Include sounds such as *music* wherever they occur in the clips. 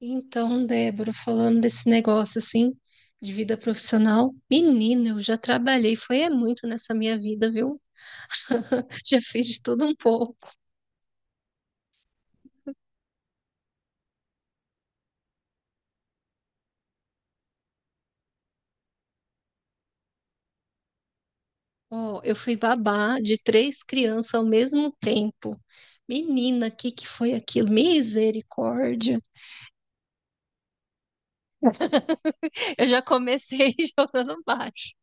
Então, Débora, falando desse negócio assim, de vida profissional, menina, eu já trabalhei, foi é muito nessa minha vida, viu? *laughs* Já fiz de tudo um pouco. Ó, eu fui babá de três crianças ao mesmo tempo. Menina, o que que foi aquilo? Misericórdia! Eu já comecei *laughs* jogando baixo.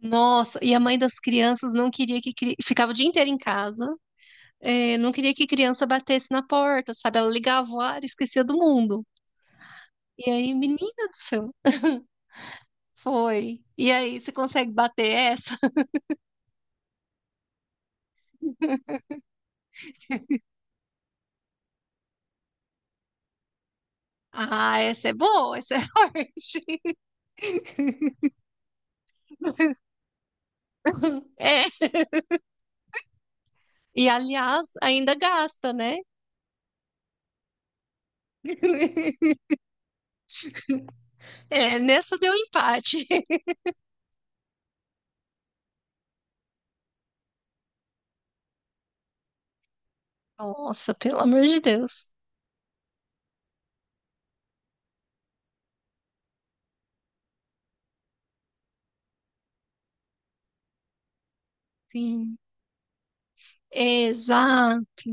Nossa, e a mãe das crianças não queria que ficava o dia inteiro em casa, não queria que criança batesse na porta, sabe? Ela ligava o ar e esquecia do mundo. E aí, menina do céu, foi. E aí, você consegue bater essa? *laughs* Ah, essa é boa, essa é *laughs* forte. É. E aliás, ainda gasta, né? *laughs* É, nessa deu empate. Nossa, pelo amor de Deus. Sim. Exato.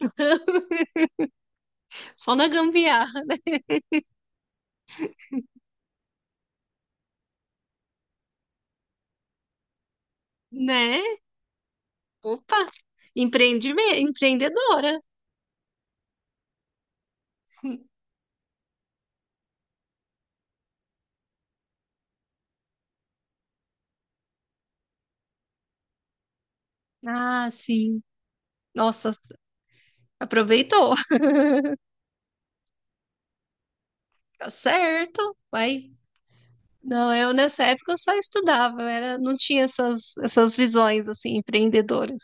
*laughs* Só na gambiarra, né? Opa, empreendedora. Ah, sim. Nossa, aproveitou. *laughs* Tá certo. Vai. Não, eu nessa época eu só estudava, eu era, não tinha essas, essas visões assim empreendedoras.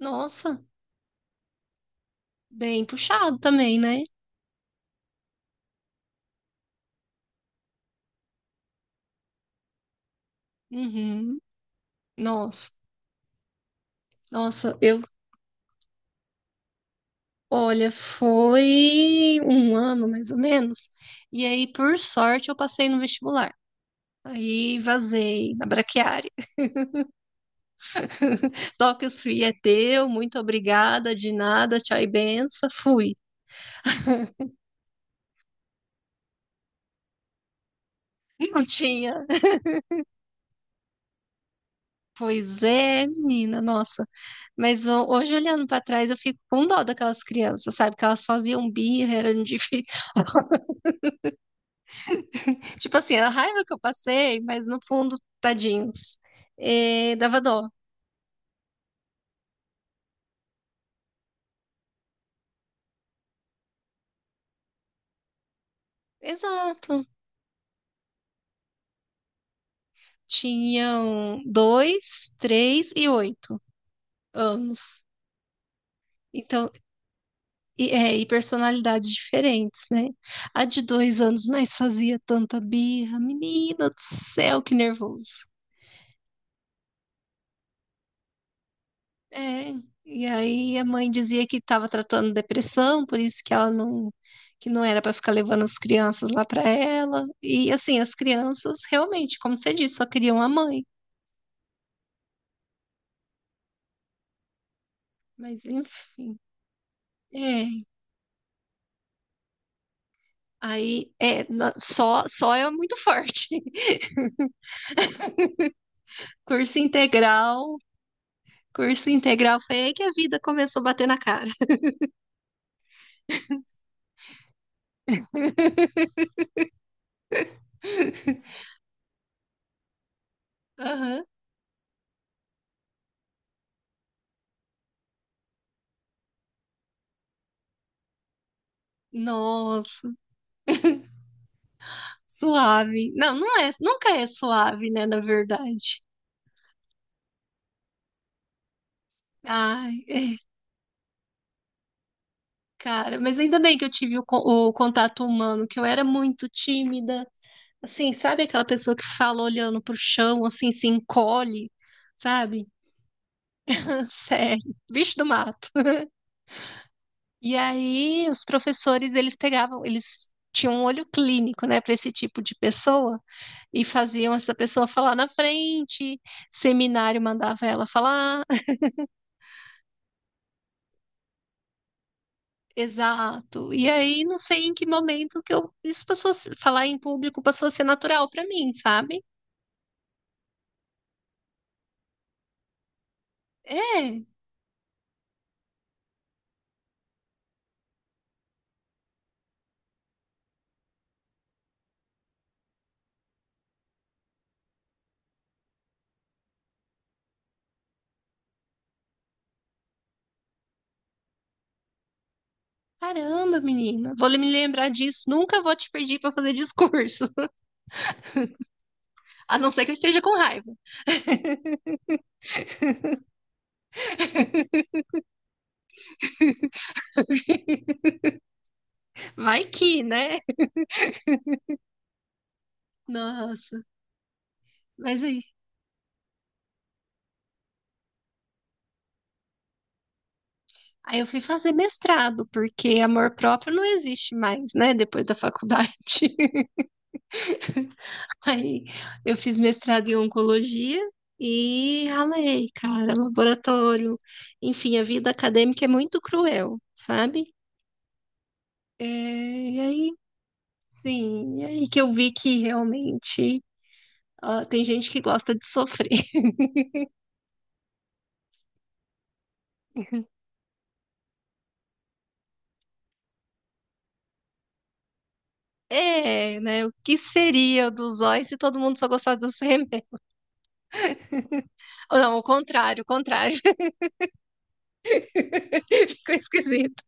Nossa, bem puxado também, né? Uhum. Nossa, nossa, eu, olha, foi um ano mais ou menos. E aí, por sorte, eu passei no vestibular. Aí vazei na braquiária. *laughs* Tóquio Free é teu, muito obrigada, de nada, tchau e benção. Fui. Não tinha. Pois é, menina, nossa. Mas hoje, olhando pra trás, eu fico com dó daquelas crianças, sabe? Que elas faziam birra, eram difíceis. *laughs* Tipo assim, a raiva que eu passei, mas no fundo, tadinhos. É, dava dó. Exato. Tinham 2, 3 e 8 anos. Então, e, é, e personalidades diferentes, né? A de 2 anos, mas fazia tanta birra. Menina do céu, que nervoso. É, e aí a mãe dizia que estava tratando depressão, por isso que ela não, que não era para ficar levando as crianças lá para ela. E assim, as crianças realmente, como você disse, só queriam a mãe. Mas enfim, é, aí é só é muito forte. *laughs* Curso integral, curso integral foi aí que a vida começou a bater na cara. *laughs* Aham. Nossa, suave. Não, não é, nunca é suave, né, na verdade. Ai, é. Cara, mas ainda bem que eu tive o contato humano, que eu era muito tímida. Assim, sabe aquela pessoa que fala olhando pro chão, assim, se encolhe, sabe? *laughs* Sério, bicho do mato. E aí, os professores, eles pegavam, eles tinham um olho clínico, né, para esse tipo de pessoa e faziam essa pessoa falar na frente, seminário mandava ela falar. *laughs* Exato. E aí, não sei em que momento que eu, isso passou a falar em público passou a ser natural para mim, sabe? É, caramba, menina. Vou me lembrar disso. Nunca vou te pedir pra fazer discurso. *laughs* A não ser que eu esteja com raiva. Vai que, né? Nossa. Mas aí, eu fui fazer mestrado, porque amor próprio não existe mais, né? Depois da faculdade. *laughs* Aí eu fiz mestrado em oncologia e ralei, cara, laboratório. Enfim, a vida acadêmica é muito cruel, sabe? É, e aí, sim, e aí que eu vi que realmente Ah, tem gente que gosta de sofrer. *laughs* É, né? O que seria do Zói se todo mundo só gostasse dos remédios? Ou não, o contrário, o contrário. *laughs* Ficou esquisito.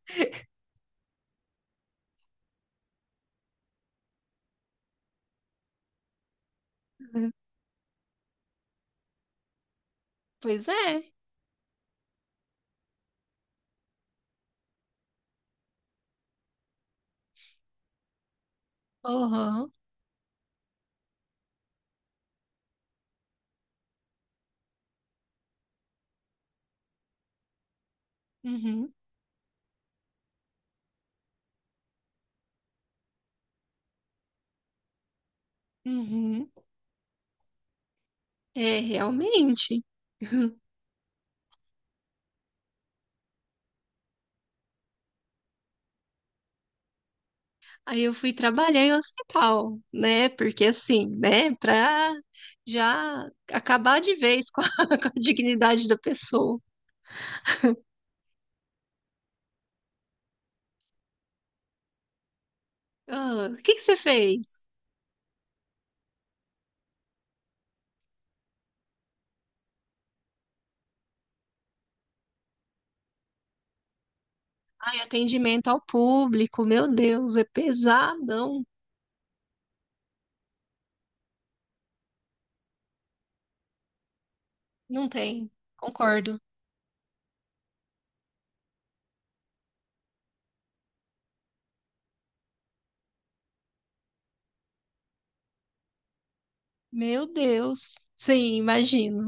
Pois é. Aham. Uhum. Uhum. É, realmente. *laughs* Aí eu fui trabalhar em hospital, né? Porque assim, né? Pra já acabar de vez com a *laughs* com a dignidade da pessoa. Ah, o que que você fez? Ai, atendimento ao público, meu Deus, é pesadão. Não tem, concordo. Meu Deus. Sim, imagino.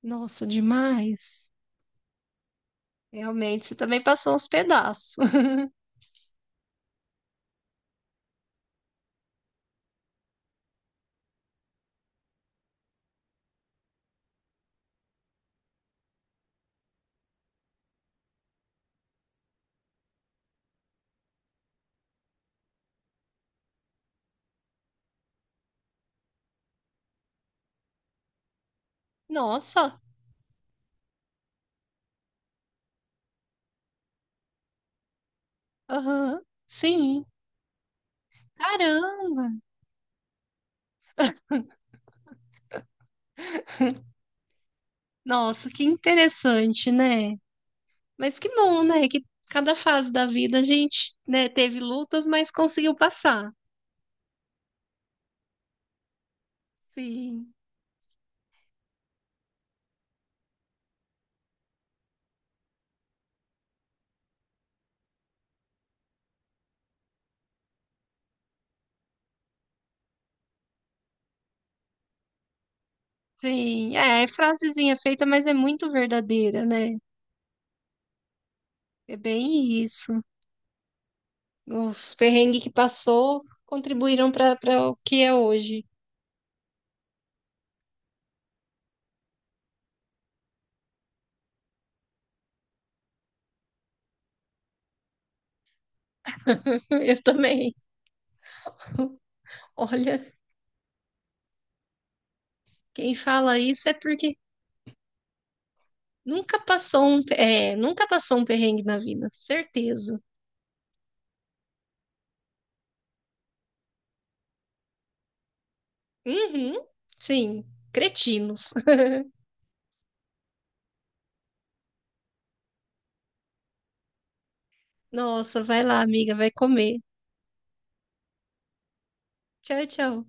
Nossa, demais. Realmente, você também passou uns pedaços. *laughs* Nossa, aham, sim. Caramba, nossa, que interessante, né? Mas que bom, né? Que cada fase da vida a gente, né, teve lutas, mas conseguiu passar. Sim, sim. É, é frasezinha feita, mas é muito verdadeira, né? É bem isso. Os perrengues que passou contribuíram para o que é hoje. *laughs* Eu também. Olha, quem fala isso é porque nunca passou um, é, nunca passou um perrengue na vida, certeza. Uhum, sim, cretinos. *laughs* Nossa, vai lá, amiga, vai comer. Tchau, tchau.